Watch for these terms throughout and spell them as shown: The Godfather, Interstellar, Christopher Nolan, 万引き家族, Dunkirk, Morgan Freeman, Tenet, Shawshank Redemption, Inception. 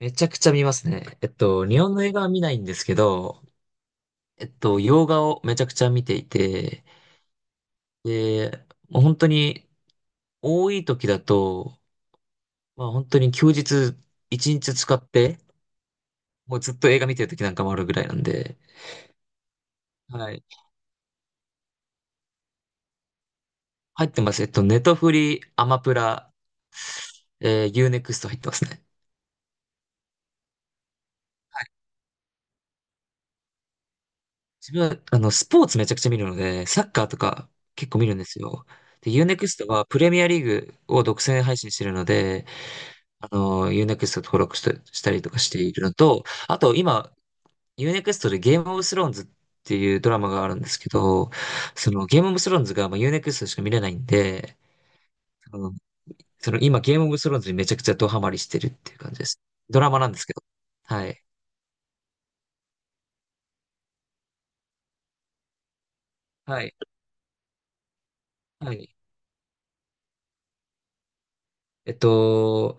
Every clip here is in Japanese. めちゃくちゃ見ますね。日本の映画は見ないんですけど、洋画をめちゃくちゃ見ていて、で、もう本当に多い時だと、まあ本当に休日一日使って、もうずっと映画見てる時なんかもあるぐらいなんで、はい。入ってます。ネトフリ、アマプラ、ユーネクスト入ってますね。はい。自分は、スポーツめちゃくちゃ見るので、サッカーとか結構見るんですよ。で、ユーネクストはプレミアリーグを独占配信してるので、あの、u ネクスト登録したりとかしているのと、あと今、u ネクストでゲームオブスローンズっていうドラマがあるんですけど、そのゲームオブスローンズがまあユーネク e x t しか見れないんで、その、その今ゲームオブスローンズにめちゃくちゃドハマりしてるっていう感じです。ドラマなんですけど。はい。はい。はい。えっと、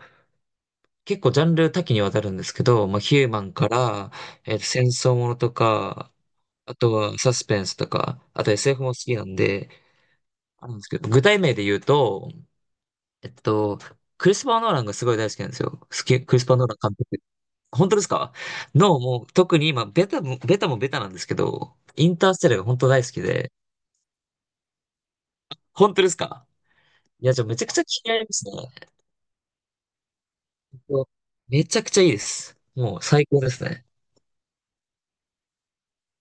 結構ジャンル多岐にわたるんですけど、まあ、ヒューマンから、戦争ものとか、あとはサスペンスとか、あと SF も好きなんで、あるんですけど、具体名で言うと、えっと、クリスパー・ノーランがすごい大好きなんですよ。好き、クリスパー・ノーラン監督。本当ですか？の、もう、特に今、ベタもベタなんですけど、インターステラーが本当大好きで、本当ですか？いや、じゃあめちゃくちゃ気になりますね。えっとめちゃくちゃいいです。もう最高ですね。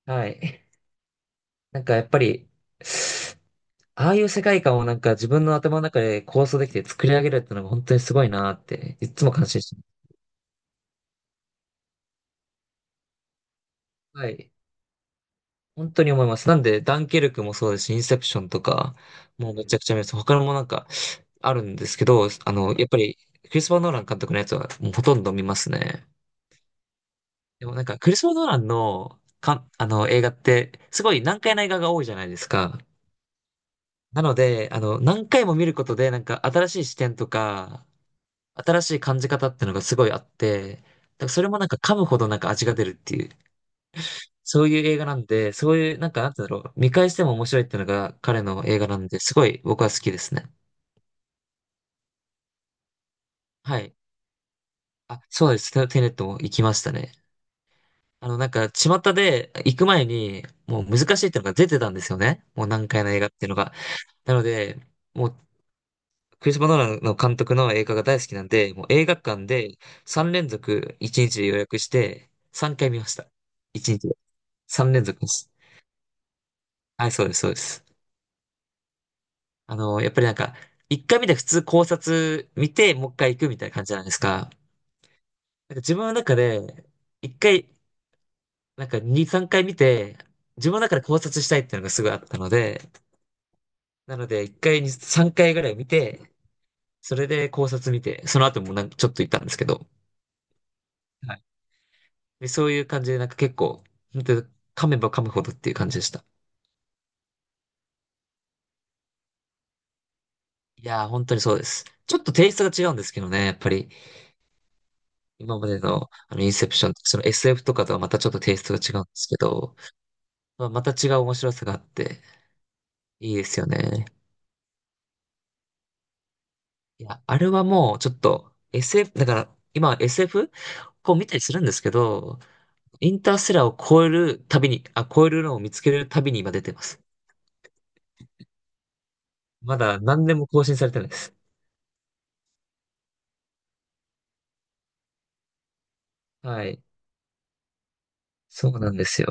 はい。なんかやっぱり、ああいう世界観をなんか自分の頭の中で構想できて作り上げるってのが本当にすごいなって、いつも感心してます。はい。本当に思います。なんで、ダンケルクもそうですし、インセプションとか、もうめちゃくちゃ見ます。他のもなんかあるんですけど、あの、やっぱり、クリスパー・ノーラン監督のやつはもうほとんど見ますね。でもなんか、クリスパー・ノーランの、か、あの、映画って、すごい難解な映画が多いじゃないですか。なので、あの、何回も見ることで、なんか、新しい視点とか、新しい感じ方っていうのがすごいあって、だからそれもなんか噛むほどなんか味が出るっていうそういう映画なんで、そういう、なんか、なんて言うんだろう、見返しても面白いっていうのが彼の映画なんで、すごい僕は好きですね。はい。あ、そうです。テネットも行きましたね。あの、なんか、巷で行く前に、もう難しいっていうのが出てたんですよね。もう難解な映画っていうのが。なので、もう、クリストファー・マノーランの監督の映画が大好きなんで、もう映画館で3連続1日で予約して、3回見ました。1日で。3連続です。はい、そうです。あの、やっぱりなんか、一回見て普通考察見て、もう一回行くみたいな感じじゃないですか。なんか自分の中で、一回、なんか二、三回見て、自分の中で考察したいっていうのがすごいあったので、なので一回に三回ぐらい見て、それで考察見て、その後もなんかちょっと行ったんですけど、はい。で、そういう感じでなんか結構、本当に噛めば噛むほどっていう感じでした。いやー、本当にそうです。ちょっとテイストが違うんですけどね、やっぱり。今までの、あの、インセプション、その SF とかとはまたちょっとテイストが違うんですけど、まあ、また違う面白さがあって、いいですよね。いや、あれはもうちょっと SF、だから今 SF こう見たりするんですけど、インターステラーを超える旅に、あ、超えるのを見つける旅に今出てます。まだ何年も更新されてないです。はい。そうなんですよ。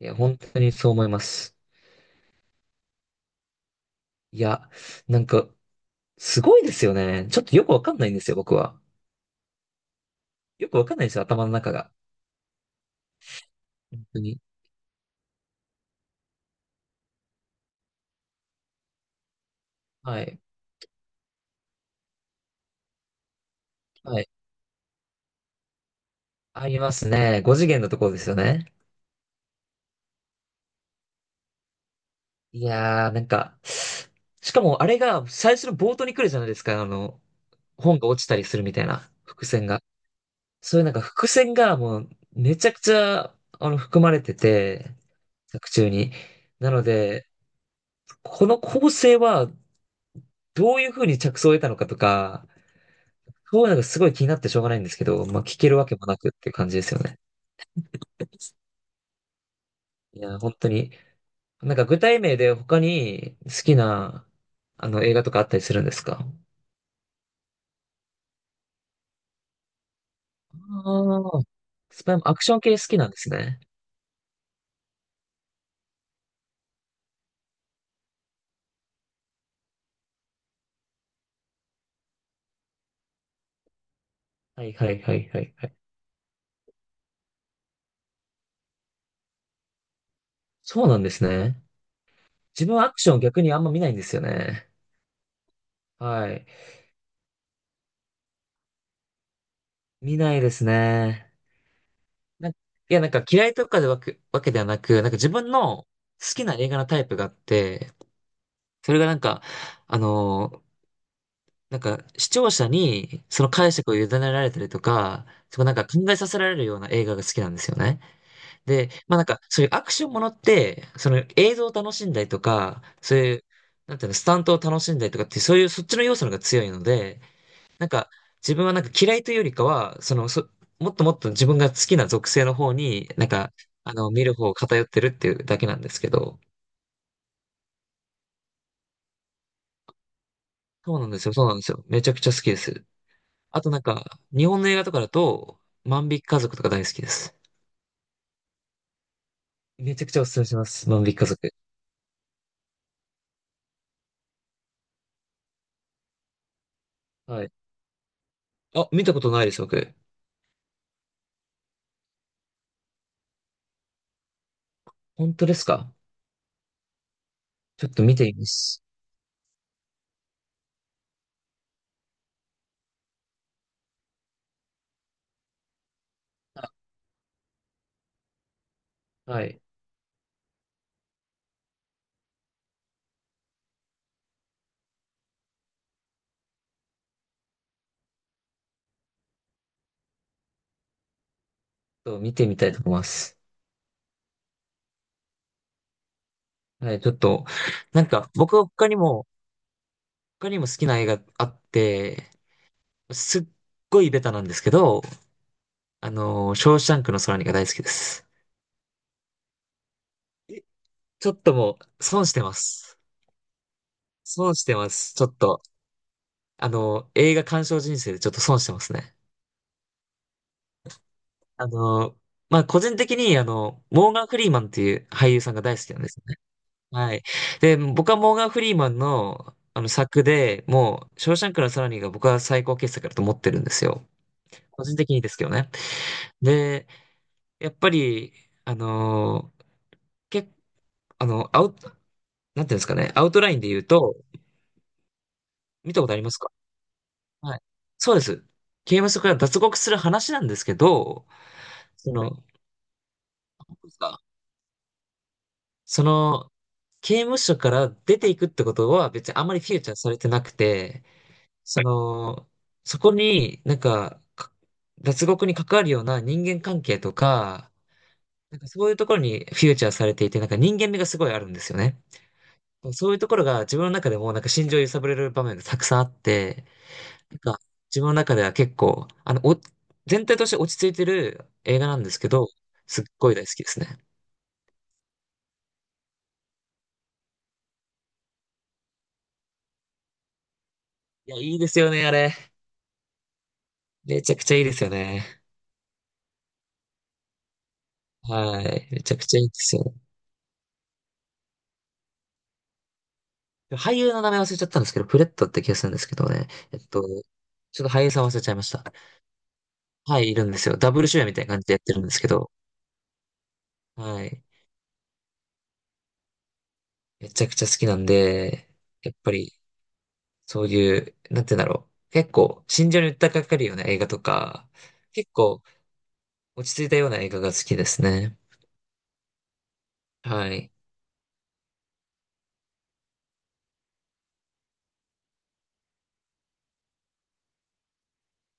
いや、本当にそう思います。いや、なんか、すごいですよね。ちょっとよくわかんないんですよ、僕は。よくわかんないんですよ、頭の中が。本当に。はい。はい。ありますね。5次元のところですよね。いやー、なんか、しかもあれが最初の冒頭に来るじゃないですか、あの、本が落ちたりするみたいな伏線が。そういうなんか伏線がもうめちゃくちゃ、あの、含まれてて、作中に。なので、この構成はどういう風に着想を得たのかとか、そういうのがすごい気になってしょうがないんですけど、まあ聞けるわけもなくっていう感じですよね。いや本当に。なんか具体名で他に好きな、あの、映画とかあったりするんですか？ああ、スパイもアクション系好きなんですね。はいはいはいはいはい。そうなんですね。自分はアクション逆にあんま見ないんですよね。はい。見ないですね。いや、なんか嫌いとかでわけではなく、なんか自分の好きな映画のタイプがあって、それがなんか、あのーなんか視聴者にその解釈を委ねられたりとか、そこなんか考えさせられるような映画が好きなんですよね。で、まあなんか、そういうアクションものって、その映像を楽しんだりとか、そういう、なんていうの、スタントを楽しんだりとかって、そういうそっちの要素の方が強いので、なんか、自分はなんか嫌いというよりかは、もっともっと自分が好きな属性の方に、なんか、あの、見る方を偏ってるっていうだけなんですけど、そうなんですよ。めちゃくちゃ好きです。あとなんか、日本の映画とかだと、万引き家族とか大好きです。めちゃくちゃおすすめします。万引き家族。はい。あ、見たことないです、僕。本当ですか？ちょっと見てみます。あはい。ちょっと見てみたいと思います。はい、ちょっと、なんか、僕は他にも、他にも好きな映画あって、すっごいベタなんですけど、ショーシャンクの空にが大好きです。えちょっともう、損してます。損してます。ちょっと、映画鑑賞人生でちょっと損してますね。あのー、まあ、個人的に、あの、モーガン・フリーマンっていう俳優さんが大好きなんです。はい。で、僕はモーガン・フリーマンの、あの作で、もう、ショーシャンクの空にが僕は最高傑作だと思ってるんですよ。個人的にですけどね。で、やっぱり、あのー、け、あの、アウト、なんていうんですかね、アウトラインで言うと、見たことありますか？はい。そうです。刑務所から脱獄する話なんですけど、その、はい。その、刑務所から出ていくってことは別にあんまりフィーチャーされてなくて、その、そこになんか、か脱獄に関わるような人間関係とか、なんかそういうところにフィーチャーされていて、なんか人間味がすごいあるんですよね。そういうところが自分の中でもなんか心情を揺さぶれる場面がたくさんあって、なんか自分の中では結構、全体として落ち着いてる映画なんですけど、すっごい大好きですね。いや、いいですよね、あれ。めちゃくちゃいいですよね。はい。めちゃくちゃいいですよね。俳優の名前忘れちゃったんですけど、プレットって気がするんですけどね。えっと、ちょっと俳優さん忘れちゃいました。はい、いるんですよ。ダブル主演みたいな感じでやってるんですけど、はい。めちゃくちゃ好きなんで、やっぱり、そういう、なんて言うんだろう。結構、心情に訴えかかるような映画とか、結構、落ち着いたような映画が好きですね。はい。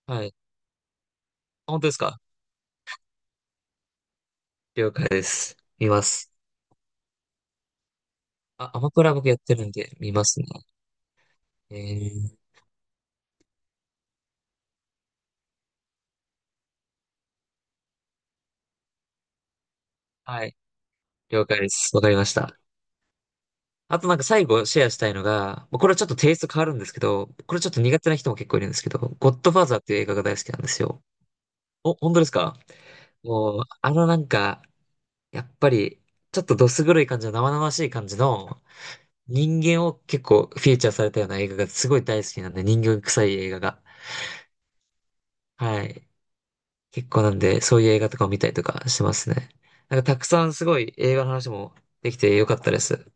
はい。あ本当ですか？了解です。見ます。あ、アマプラ僕やってるんで、見ますね。えー、はい。了解です。わかりました。あとなんか最後シェアしたいのが、まあこれはちょっとテイスト変わるんですけど、これちょっと苦手な人も結構いるんですけど、ゴッドファーザーっていう映画が大好きなんですよ。お、本当ですか？もう、やっぱり、ちょっとどす黒い感じの生々しい感じの人間を結構フィーチャーされたような映画がすごい大好きなんで、人間臭い映画が。はい。結構なんで、そういう映画とかを見たりとかしてますね。なんかたくさんすごい映画の話もできてよかったです。